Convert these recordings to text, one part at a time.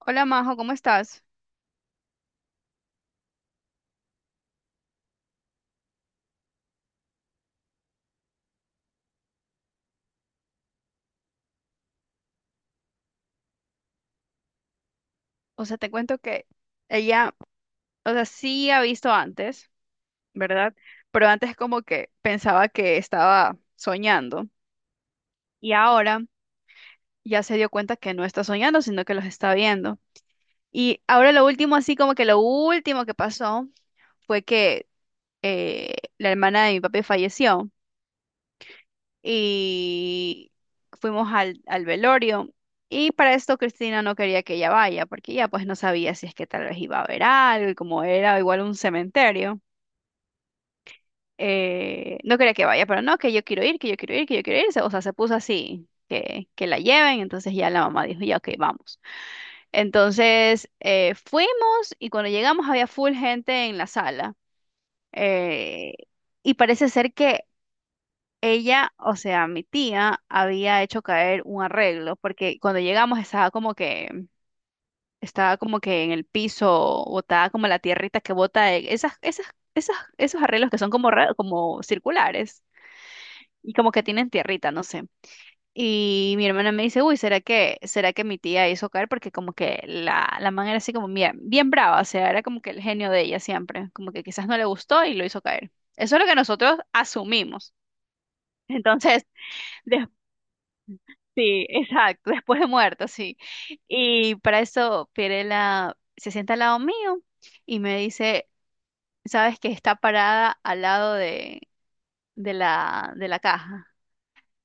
Hola Majo, ¿cómo estás? O sea, te cuento que ella, o sea, sí ha visto antes, ¿verdad? Pero antes como que pensaba que estaba soñando y ahora ya se dio cuenta que no está soñando, sino que los está viendo. Y ahora lo último, así como que lo último que pasó fue que la hermana de mi papi falleció y fuimos al velorio. Y para esto Cristina no quería que ella vaya, porque ella pues no sabía si es que tal vez iba a haber algo, y como era igual un cementerio, no quería que vaya, pero no, que yo quiero ir, que yo quiero ir, que yo quiero ir. O sea, se puso así, que la lleven, entonces ya la mamá dijo, ya, ok, vamos. Entonces fuimos y cuando llegamos había full gente en la sala. eh, y parece ser que ella, o sea, mi tía había hecho caer un arreglo porque cuando llegamos estaba como que en el piso botada como la tierrita que bota esas esas esas esos arreglos que son como circulares y como que tienen tierrita, no sé. Y mi hermana me dice, "Uy, ¿será que mi tía hizo caer porque como que la man era así como bien bien brava, o sea, era como que el genio de ella siempre, como que quizás no le gustó y lo hizo caer." Eso es lo que nosotros asumimos. Entonces, sí, exacto, después de muerto, sí. Y para eso Pirela se sienta al lado mío y me dice, ¿sabes que está parada al lado de la caja?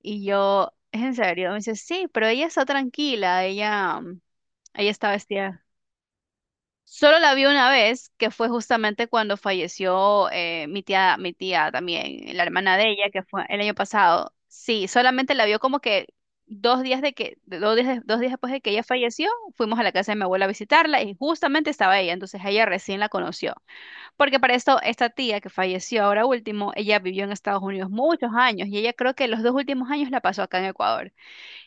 Y yo, ¿es en serio? Me dice, sí, pero ella está tranquila, ella está vestida. Solo la vi una vez, que fue justamente cuando falleció mi tía también, la hermana de ella, que fue el año pasado. Sí, solamente la vio como que 2 días después de que ella falleció, fuimos a la casa de mi abuela a visitarla y justamente estaba ella, entonces ella recién la conoció. Porque para esto, esta tía que falleció ahora último, ella vivió en Estados Unidos muchos años y ella creo que los 2 últimos años la pasó acá en Ecuador.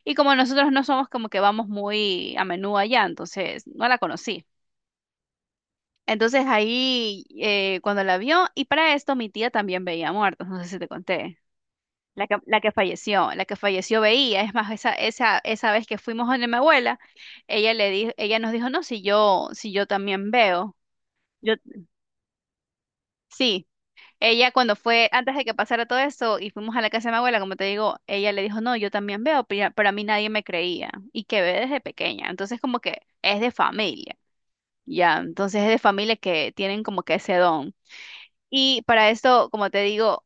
Y como nosotros no somos como que vamos muy a menudo allá, entonces no la conocí. Entonces ahí, cuando la vio, y para esto mi tía también veía muertos, no sé si te conté. La que falleció veía, es más, esa vez que fuimos donde mi abuela, ella nos dijo, no, si yo también veo. Yo, sí, ella cuando fue, antes de que pasara todo esto, y fuimos a la casa de mi abuela, como te digo, ella le dijo, no, yo también veo, pero a mí nadie me creía, y que ve desde pequeña. Entonces como que es de familia, ya, entonces es de familia que tienen como que ese don. Y para esto, como te digo,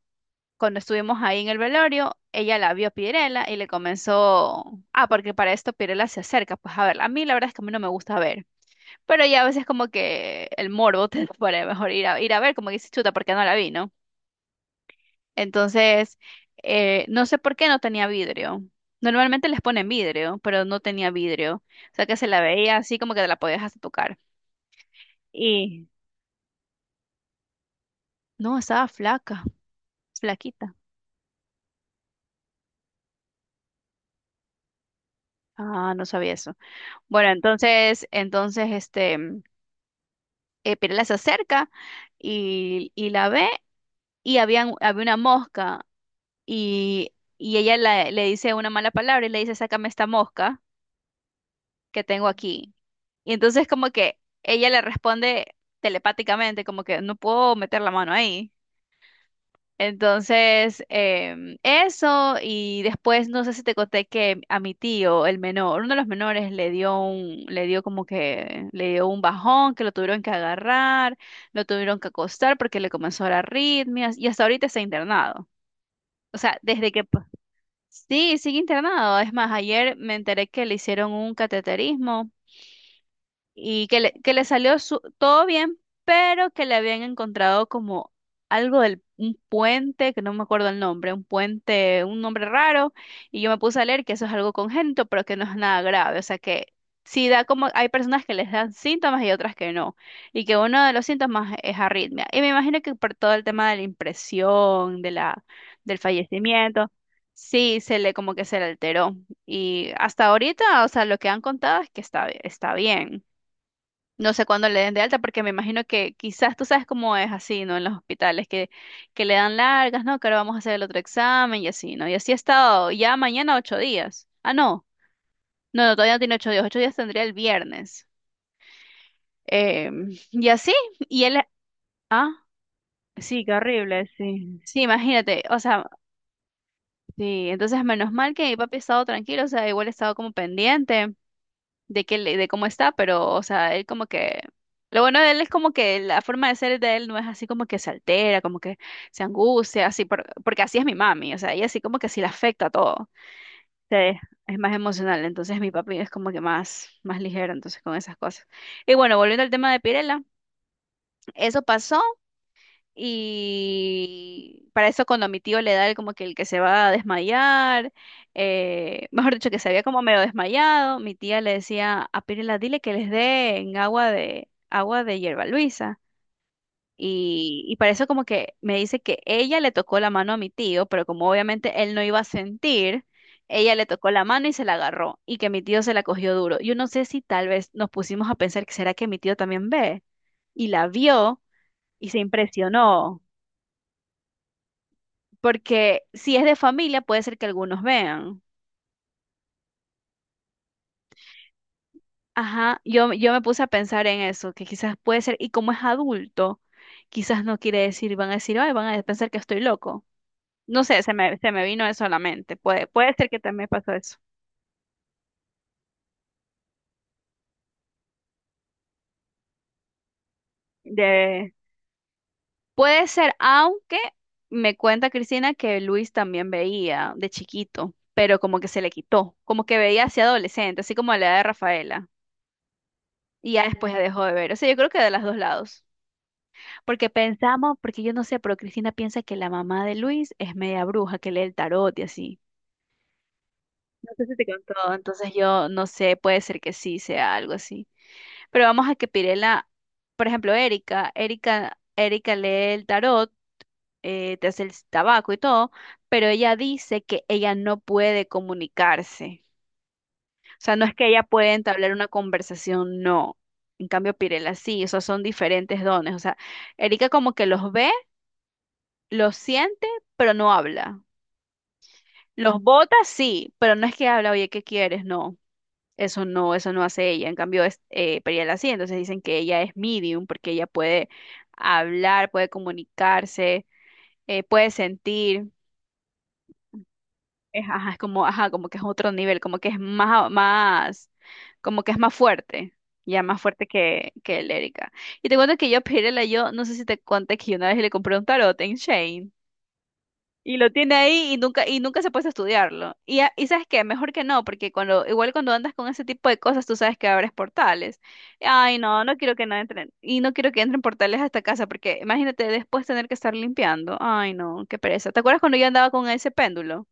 cuando estuvimos ahí en el velorio, ella la vio a Pirela y le comenzó, ah, porque para esto Pirela se acerca, pues a ver, a mí la verdad es que a mí no me gusta ver, pero ya a veces como que el morbo te para mejor ir a ver, como que dice chuta, porque no la vi, ¿no? Entonces, no sé por qué no tenía vidrio. Normalmente les ponen vidrio, pero no tenía vidrio. O sea que se la veía así como que te la podías hasta tocar. Y no, estaba flaca, flaquita. Ah, no sabía eso. Bueno, Entonces, Pirela se acerca y la ve y había una mosca y ella le dice una mala palabra y le dice, sácame esta mosca que tengo aquí. Y entonces como que ella le responde telepáticamente, como que no puedo meter la mano ahí. Entonces, eso, y después no sé si te conté que a mi tío, el menor, uno de los menores le dio un bajón, que lo tuvieron que agarrar, lo tuvieron que acostar porque le comenzó a dar arritmias, y hasta ahorita está internado. O sea, desde que, pa- sí, sigue internado. Es más, ayer me enteré que le hicieron un cateterismo y que le salió todo bien, pero que le habían encontrado como algo del un puente, que no me acuerdo el nombre, un puente, un nombre raro, y yo me puse a leer que eso es algo congénito, pero que no es nada grave, o sea que sí da como, hay personas que les dan síntomas y otras que no, y que uno de los síntomas es arritmia, y me imagino que por todo el tema de la impresión, del fallecimiento. Sí, se le como que se le alteró. Y hasta ahorita, o sea, lo que han contado es que está bien. No sé cuándo le den de alta, porque me imagino que quizás tú sabes cómo es así, ¿no? En los hospitales, que le dan largas, ¿no? Que ahora vamos a hacer el otro examen y así, ¿no? Y así ha estado ya mañana 8 días. Ah, no, no, no, todavía no tiene 8 días, 8 días tendría el viernes. Y así, y él, ah, sí, qué horrible, sí. Sí, imagínate, o sea, sí, entonces menos mal que mi papi ha estado tranquilo, o sea, igual ha estado como pendiente de cómo está, pero, o sea, él como que lo bueno de él es como que la forma de ser de él no es así como que se altera, como que se angustia, así porque así es mi mami, o sea, ella así como que sí le afecta todo. Sí, es más emocional, entonces mi papi es como que más ligero entonces con esas cosas. Y bueno, volviendo al tema de Pirela, eso pasó y para eso cuando a mi tío le da el como que el que se va a desmayar, mejor dicho, que se había como medio desmayado, mi tía le decía a Pirela, dile que les den agua de hierba Luisa. Y para eso como que me dice que ella le tocó la mano a mi tío, pero como obviamente él no iba a sentir, ella le tocó la mano y se la agarró, y que mi tío se la cogió duro. Yo no sé si tal vez nos pusimos a pensar que será que mi tío también ve, y la vio y se impresionó. Porque si es de familia puede ser que algunos vean. Ajá, yo me puse a pensar en eso, que quizás puede ser, y como es adulto, quizás no quiere decir, van a decir, ay, van a pensar que estoy loco. No sé, se me vino eso a la mente. Puede ser que también pasó eso. De... Puede ser, aunque me cuenta Cristina que Luis también veía de chiquito, pero como que se le quitó, como que veía hacia adolescente, así como la edad de Rafaela, y ya después ya dejó de ver. O sea, yo creo que de los dos lados. Porque pensamos, porque yo no sé, pero Cristina piensa que la mamá de Luis es media bruja, que lee el tarot y así. No sé si te contó, entonces yo no sé, puede ser que sí sea algo así. Pero vamos a que Pirela, por ejemplo, Erika lee el tarot, te hace el tabaco y todo, pero ella dice que ella no puede comunicarse. O sea, no es que ella pueda entablar una conversación, no. En cambio, Pirela sí, o sea, son diferentes dones. O sea, Erika como que los ve, lo siente, pero no habla. Los bota, sí, pero no es que habla, oye, ¿qué quieres? No, eso no, eso no hace ella. En cambio, Periel sí, entonces dicen que ella es medium porque ella puede hablar, puede comunicarse, puede sentir. Es, ajá, es como, ajá, como que es otro nivel, como que es más, como que es más fuerte, ya más fuerte que el Erika. Y te cuento que yo, Periela, yo no sé si te conté que yo una vez le compré un tarot en Shane. Y lo tiene ahí y nunca se puede estudiarlo. Y sabes qué, mejor que no, porque cuando, igual cuando andas con ese tipo de cosas, tú sabes que abres portales. Ay, no, no quiero que no entren, y no quiero que entren portales a esta casa, porque imagínate después tener que estar limpiando. Ay, no, qué pereza. ¿Te acuerdas cuando yo andaba con ese péndulo?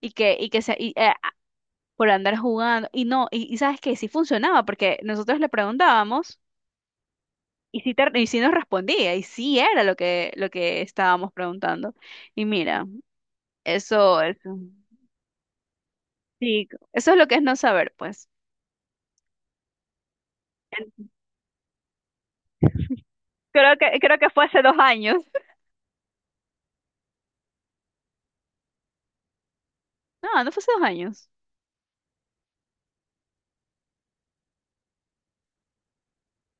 Y que, y que se, y, eh, por andar jugando, y no, y sabes que sí funcionaba, porque nosotros le preguntábamos, y sí nos respondía, y sí era lo que estábamos preguntando. Y mira, eso, eso. Sí, eso es lo que es no saber, pues. En- Creo que fue hace 2 años. No, no fue hace 2 años.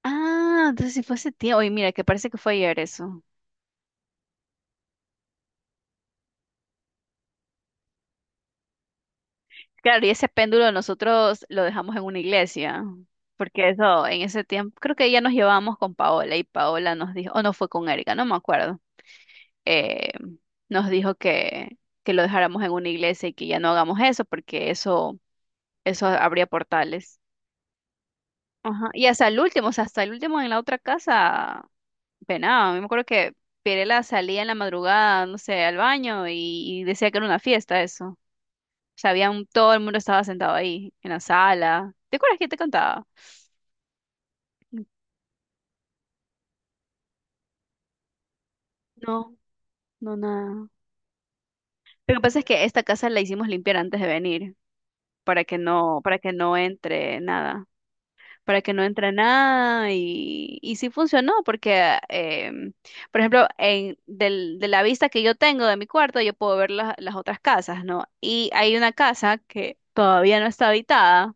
Ah, entonces sí fue hace tiempo. Oye, mira, que parece que fue ayer eso. Claro, y ese péndulo nosotros lo dejamos en una iglesia, porque eso, en ese tiempo, creo que ya nos llevábamos con Paola y Paola nos dijo, o no fue con Erika, no me acuerdo. eh, Nos dijo que, lo dejáramos en una iglesia y que ya no hagamos eso, porque eso abría portales. Ajá. Y hasta el último, o sea, hasta el último en la otra casa penado. Yo me acuerdo que Pirela salía en la madrugada, no sé, al baño y decía que era una fiesta eso. O sea, había todo el mundo estaba sentado ahí, en la sala. ¿Te acuerdas que te contaba? No, no, nada. Lo que pasa es que esta casa la hicimos limpiar antes de venir, para que no entre nada. Para que no entre nada y sí funcionó porque, por ejemplo, de la vista que yo tengo de mi cuarto, yo puedo ver las otras casas, ¿no? Y hay una casa que todavía no está habitada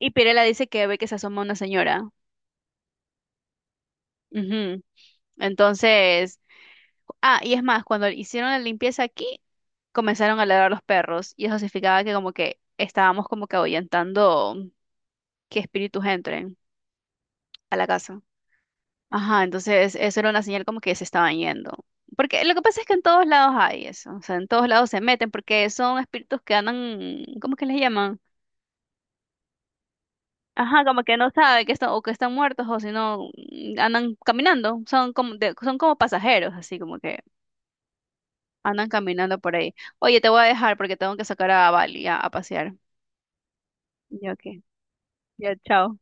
y Pirela dice que ve que se asoma una señora. Ujú. Entonces, ah, y es más, cuando hicieron la limpieza aquí, comenzaron a ladrar los perros y eso significaba que como que estábamos como que ahuyentando que espíritus entren a la casa. Ajá, entonces eso era una señal como que se estaban yendo. Porque lo que pasa es que en todos lados hay eso, o sea, en todos lados se meten porque son espíritus que andan, ¿cómo que les llaman? Ajá, como que no saben que están o que están muertos o si no andan caminando, son como pasajeros, así como que andan caminando por ahí. Oye, te voy a dejar porque tengo que sacar a Bali a pasear. Ya, ok. Ya, chao.